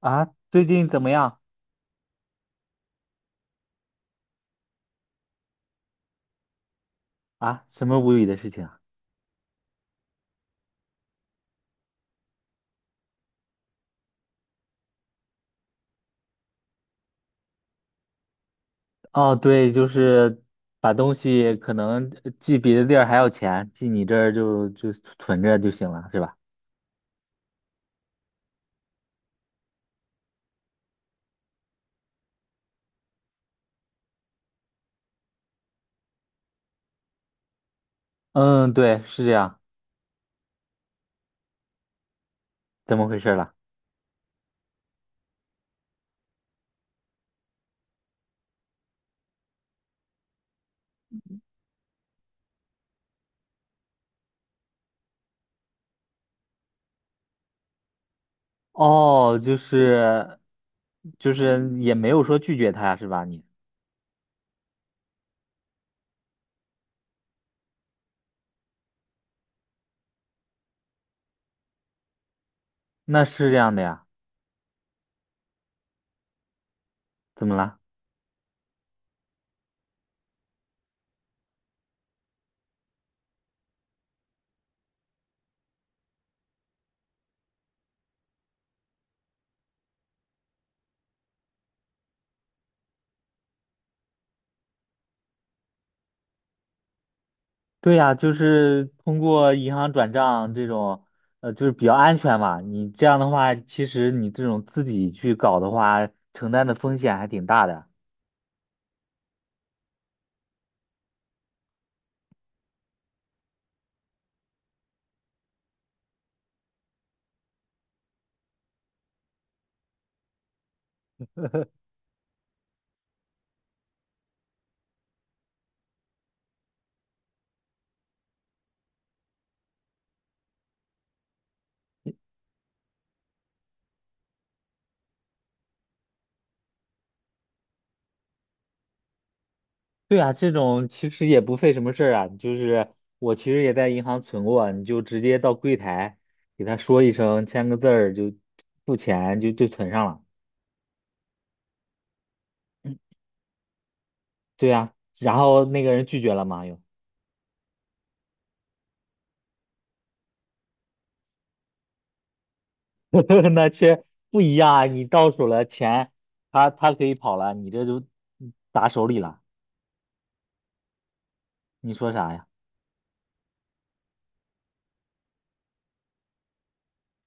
啊，最近怎么样？啊？什么无语的事情啊？哦，对，就是把东西可能寄别的地儿还要钱，寄你这儿就存着就行了，是吧？嗯，对，是这样。怎么回事了？哦，就是也没有说拒绝他呀，是吧？你那是这样的呀？怎么了？对呀，就是通过银行转账这种，呃，就是比较安全嘛。你这样的话，其实你这种自己去搞的话，承担的风险还挺大的。对啊，这种其实也不费什么事儿啊。就是我其实也在银行存过，你就直接到柜台给他说一声，签个字儿就付钱就存上了。对呀，然后那个人拒绝了嘛，又 那却不一样啊。你到手了钱，他可以跑了，你这就砸手里了。你说啥呀？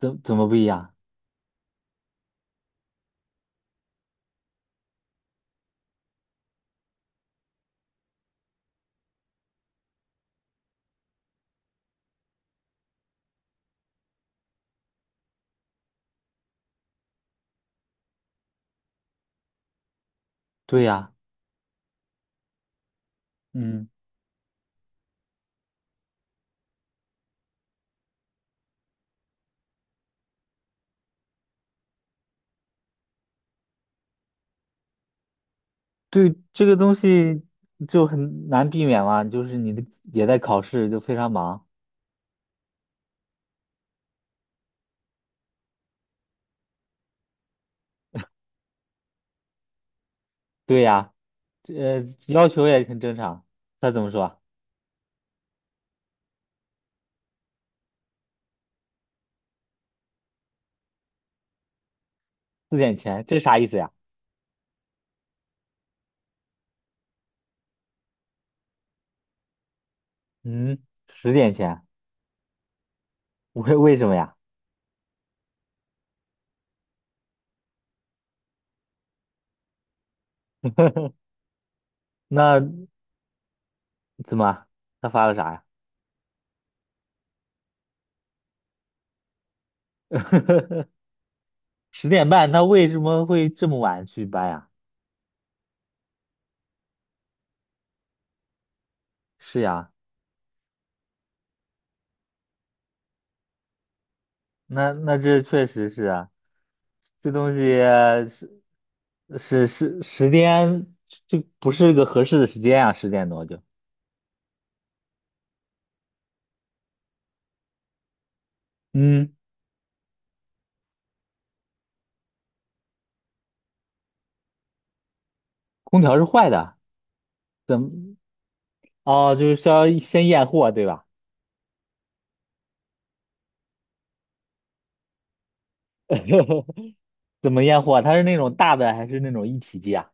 怎么不一样？对呀，嗯，对这个东西就很难避免嘛，就是你的也在考试，就非常忙。对呀，这呃要求也很正常。他怎么说啊？四点前，这啥意思呀？嗯，十点前，为什么呀？那怎么他发了啥呀？十点半，他为什么会这么晚去搬呀？是呀。那那这确实是啊，这东西是是十点，就不是个合适的时间啊，十点多就，嗯，空调是坏的，怎么？哦，就是需要先验货，对吧？怎么验货？它是那种大的还是那种一体机啊？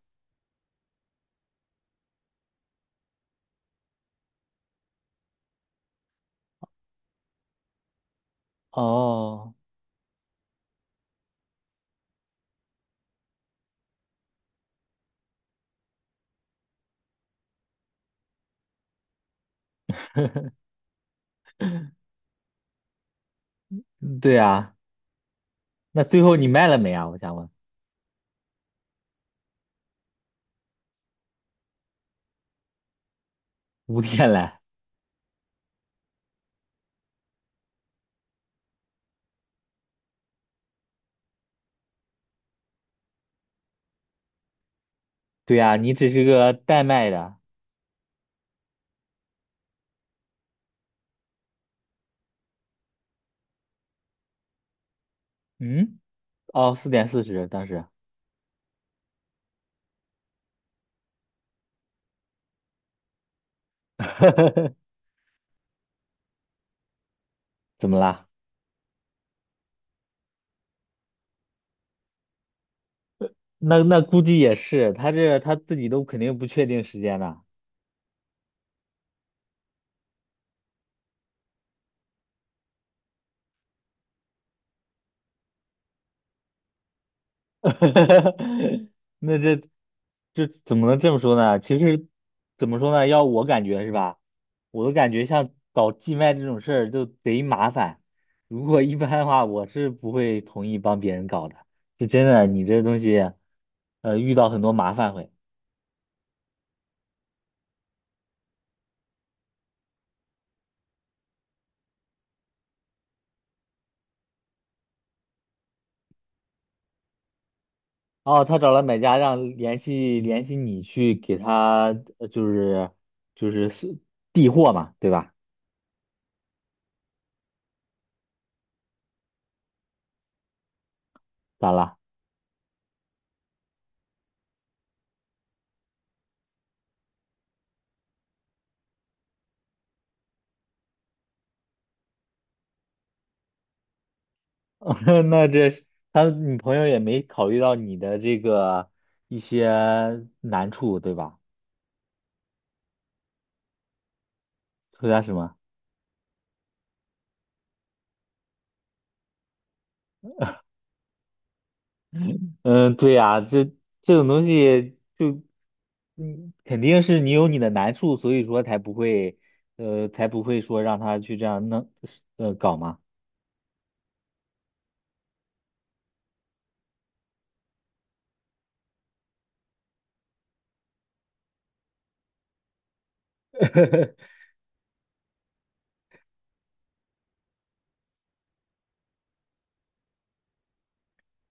哦，嗯对啊，那最后你卖了没啊？我想问，五天来，对啊，你只是个代卖的，嗯，哦，四点四十当时，怎么啦？那那估计也是，他这他自己都肯定不确定时间的，那这这怎么能这么说呢？其实怎么说呢？要我感觉是吧？我的感觉像搞寄卖这种事儿就贼麻烦。如果一般的话，我是不会同意帮别人搞的。这真的，你这东西，呃，遇到很多麻烦会。哦，他找了买家，让联系你去给他，呃就是就是递货嘛，对吧？咋了？那这是他女朋友也没考虑到你的这个一些难处，对吧？回答什么？嗯，对呀，这这种东西就，嗯，肯定是你有你的难处，所以说才不会，呃，才不会说让他去这样弄，呃，搞嘛。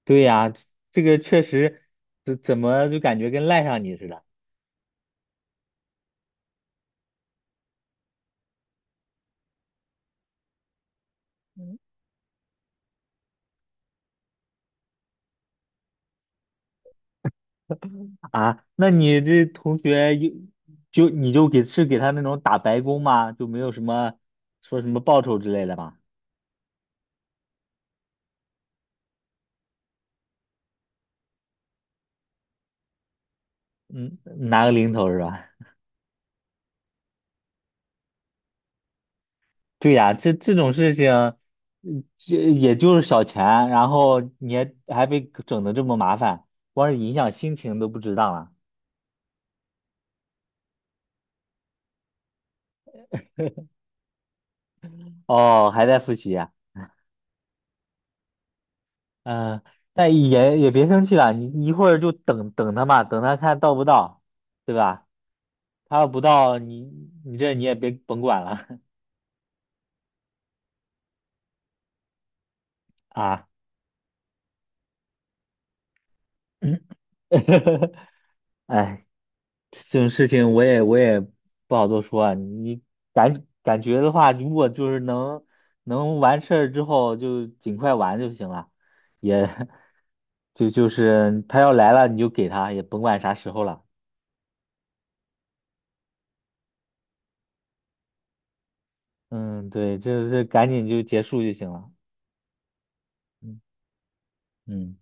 对呀，这个确实，这怎么就感觉跟赖上你似的？啊，那你这同学有就你就给是给他那种打白工吗？就没有什么说什么报酬之类的吗？嗯，拿个零头是吧？对呀，这这种事情，嗯这也就是小钱，然后你还被整的这么麻烦，光是影响心情都不值当了。哦，还在复习啊？嗯、但也别生气了，你一会儿就等等他嘛，等他看到不到，对吧？他要不到，你你这你也别甭管了 啊。嗯，哎，这种事情我也不好多说啊。你感觉的话，如果就是能能完事儿之后就尽快完就行了，也 就是他要来了你就给他，也甭管啥时候了。嗯，对，就是赶紧就结束就行了。嗯嗯。